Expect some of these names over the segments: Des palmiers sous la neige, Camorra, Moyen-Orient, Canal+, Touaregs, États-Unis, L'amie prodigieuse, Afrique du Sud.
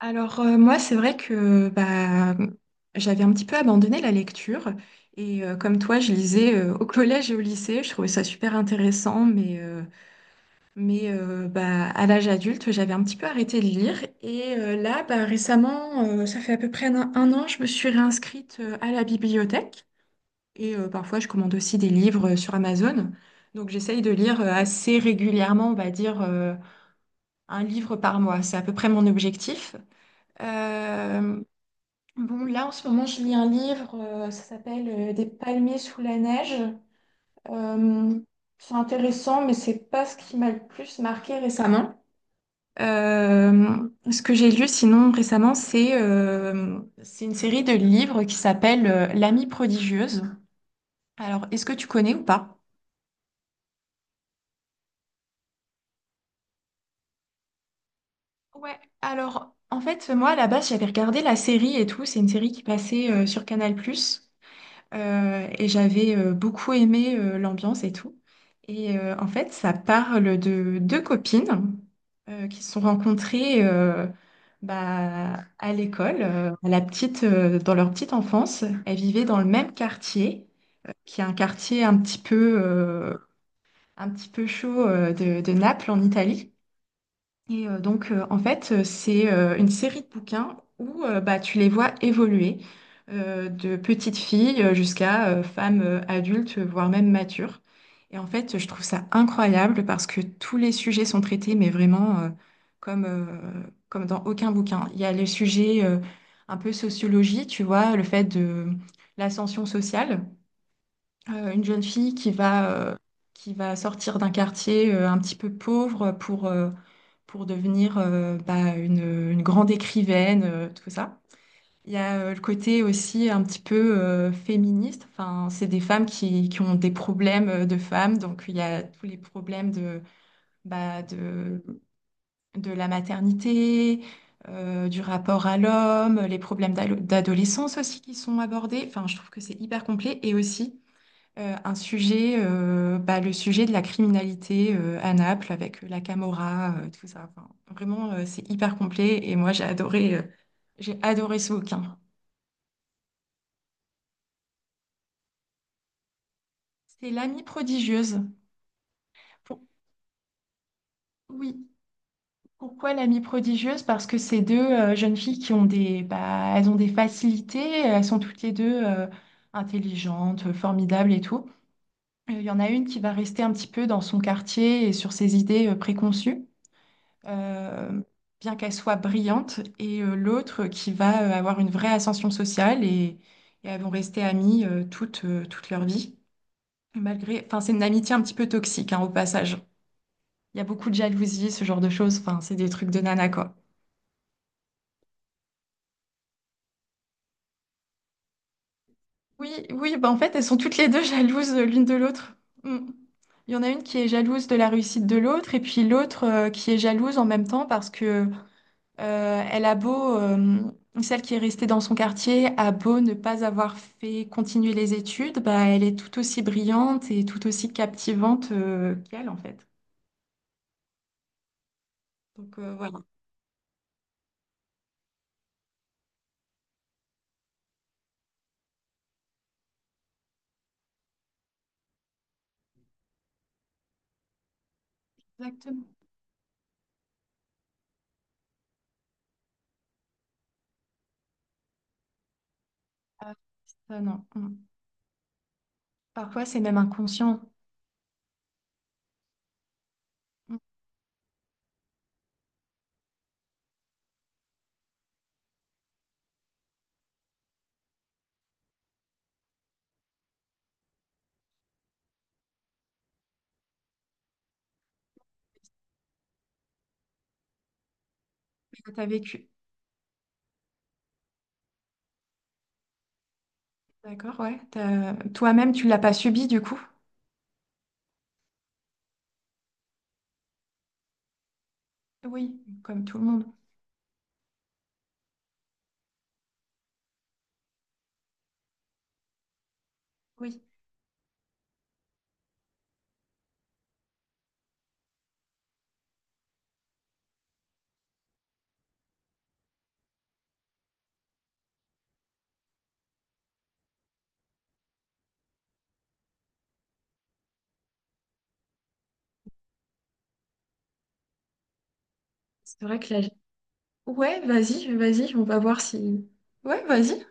Moi, c'est vrai que j'avais un petit peu abandonné la lecture comme toi, je lisais au collège et au lycée, je trouvais ça super intéressant, mais à l'âge adulte, j'avais un petit peu arrêté de lire là, récemment, ça fait à peu près un an, je me suis réinscrite à la bibliothèque parfois, je commande aussi des livres sur Amazon. Donc j'essaye de lire assez régulièrement, on va dire, un livre par mois. C'est à peu près mon objectif. Euh, Bon, là, en ce moment, je lis un livre, ça s'appelle Des palmiers sous la neige. Euh, c'est intéressant, mais c'est pas ce qui m'a le plus marqué récemment. Euh, Ce que j'ai lu sinon récemment, c'est une série de livres qui s'appelle L'amie prodigieuse. Alors, est-ce que tu connais ou pas? Ouais, alors en fait, moi à la base, j'avais regardé la série et tout, c'est une série qui passait sur Canal+. Et j'avais beaucoup aimé l'ambiance et tout. En fait, ça parle de deux copines qui se sont rencontrées à l'école, dans leur petite enfance. Elles vivaient dans le même quartier, qui est un quartier un petit peu chaud de Naples en Italie. Et donc, en fait, c'est une série de bouquins où tu les vois évoluer de petite fille jusqu'à femme adulte, voire même mature. Et en fait, je trouve ça incroyable parce que tous les sujets sont traités, mais vraiment comme, euh, comme dans aucun bouquin. Il y a les sujets un peu sociologie, tu vois, le fait de l'ascension sociale, une jeune fille qui va sortir d'un quartier un petit peu pauvre pour devenir une grande écrivaine, tout ça. Il y a le côté aussi un petit peu féministe. Enfin, c'est des femmes qui ont des problèmes de femmes. Donc, il y a tous les problèmes bah, de, de la maternité, du rapport à l'homme, les problèmes d'adolescence aussi qui sont abordés. Enfin, je trouve que c'est hyper complet. Et aussi, un sujet, le sujet de la criminalité à Naples avec la Camorra, tout ça. Enfin, vraiment, c'est hyper complet et moi j'ai adoré ce bouquin. C'est L'amie prodigieuse. Pour- Oui, pourquoi l'amie prodigieuse? Parce que c'est deux jeunes filles qui ont des, bah, elles ont des facilités, elles sont toutes les deux intelligentes, formidables et tout. Il y en a une qui va rester un petit peu dans son quartier et sur ses idées préconçues, euh, bien qu'elle soit brillante, l'autre qui va avoir une vraie ascension sociale, et elles vont rester amies toute leur vie. Malgré, enfin, c'est une amitié un petit peu toxique, hein, au passage. Il y a beaucoup de jalousie, ce genre de choses. Enfin, c'est des trucs de nana, quoi. Oui, oui, bah en fait, elles sont toutes les deux jalouses l'une de l'autre. Mm. Il y en a une qui est jalouse de la réussite de l'autre et puis l'autre qui est jalouse en même temps parce que… elle a beau, celle qui est restée dans son quartier, a beau ne pas avoir fait continuer les études, bah, elle est tout aussi brillante et tout aussi captivante, qu'elle, en fait. Voilà. Exactement. Ah, ça, non. Mm. Parfois, c'est même inconscient. Mm. Bah, t'as vécu. D'accord, ouais. Toi-même, tu l'as pas subi, du coup? Oui, comme tout le monde. Oui. C'est vrai que la… Ouais, vas-y, vas-y, on va voir si… Ouais, vas-y.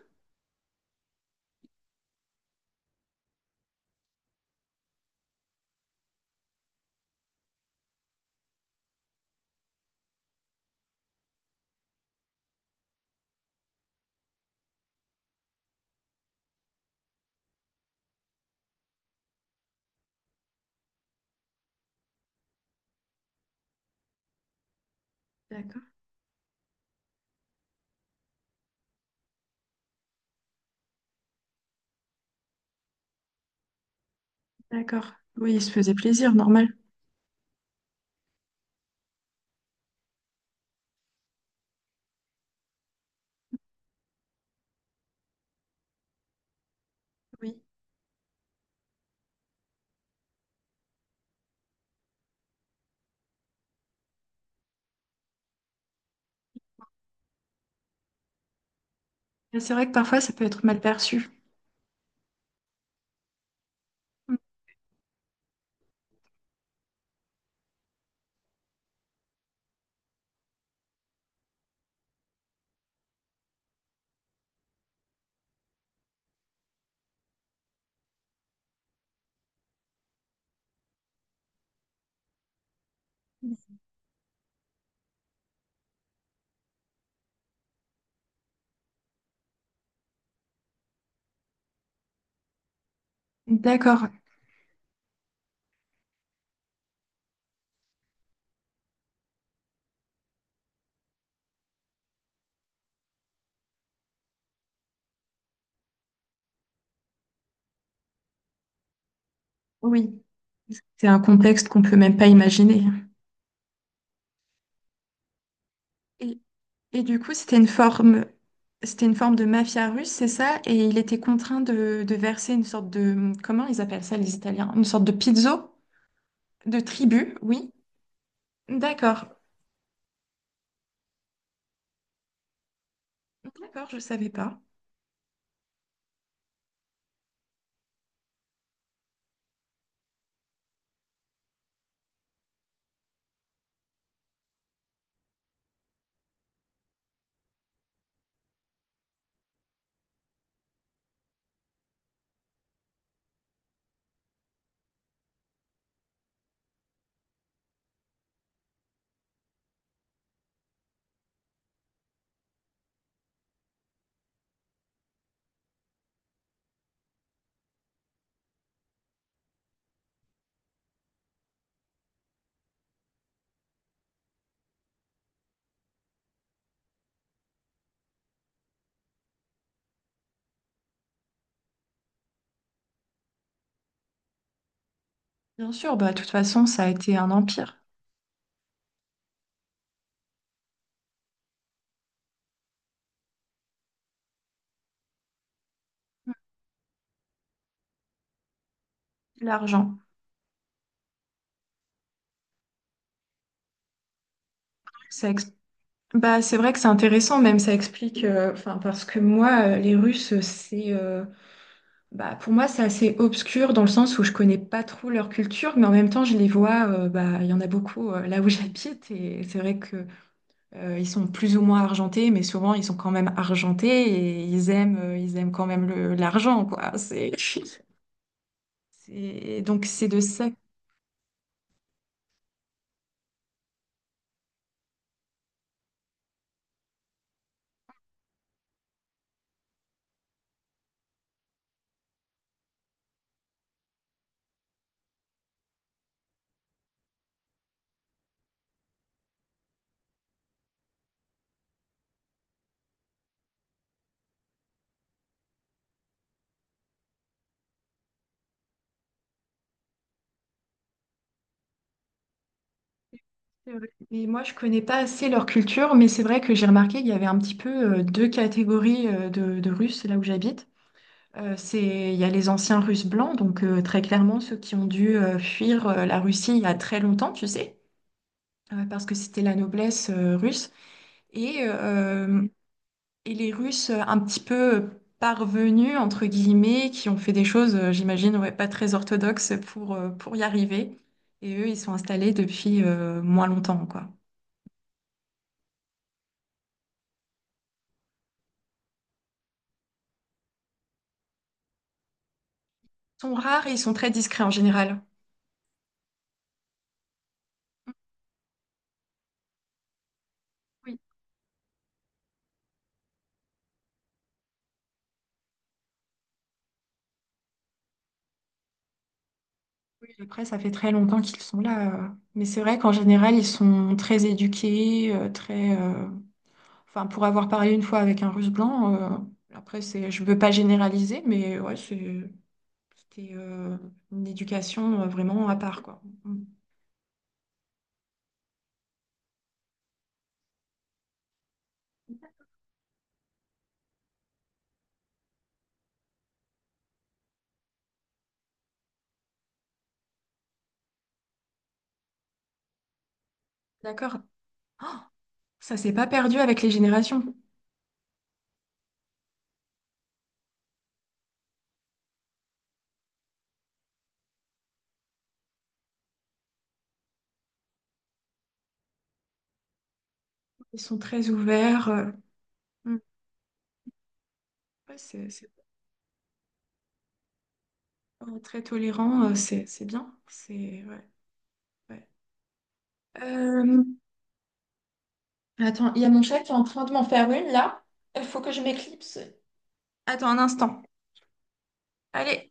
D'accord, d'accord. Oui, il se faisait plaisir, normal. Oui. Mais c'est vrai que parfois ça peut être mal perçu. D'accord, oui. C'est un contexte qu'on peut même pas imaginer. Et, et du coup, c'était une forme de mafia russe, c'est ça? Et il était contraint de verser une sorte de, comment ils appellent ça les Italiens? Une sorte de pizzo, de tribu, oui. D'accord, d'accord, je savais pas. Bien sûr, bah, de toute façon, ça a été un empire, l'argent. Ça ex- Bah, c'est vrai que c'est intéressant, même ça explique, enfin, parce que moi, les Russes, bah, pour moi, c'est assez obscur dans le sens où je connais pas trop leur culture, mais en même temps, je les vois, bah, il y en a beaucoup là où j'habite, et c'est vrai que ils sont plus ou moins argentés, mais souvent ils sont quand même argentés et ils aiment quand même l'argent, quoi. C'est, donc c'est de ça. Et moi, je connais pas assez leur culture, mais c'est vrai que j'ai remarqué qu'il y avait un petit peu deux catégories de Russes là où j'habite. Il y a les anciens Russes blancs, donc très clairement ceux qui ont dû fuir la Russie il y a très longtemps, tu sais, parce que c'était la noblesse russe. Et, euh, et les Russes un petit peu parvenus, entre guillemets, qui ont fait des choses, j'imagine, ouais, pas très orthodoxes pour y arriver. Et eux, ils sont installés depuis moins longtemps, quoi. Ils sont rares et ils sont très discrets en général. Oui, après, ça fait très longtemps qu'ils sont là. Mais c'est vrai qu'en général, ils sont très éduqués, très… Enfin, pour avoir parlé une fois avec un Russe blanc, après, c'est, je veux pas généraliser, mais ouais, c'était une éducation vraiment à part, quoi. Mm. D'accord. Oh, ça s'est pas perdu avec les générations. Ils sont très ouverts. Mm. Ouais, c'est très tolérant. C'est bien. C'est, ouais, ouais. Euh, Attends, il y a mon chat qui est en train de m'en faire une là. Il faut que je m'éclipse. Attends un instant. Allez.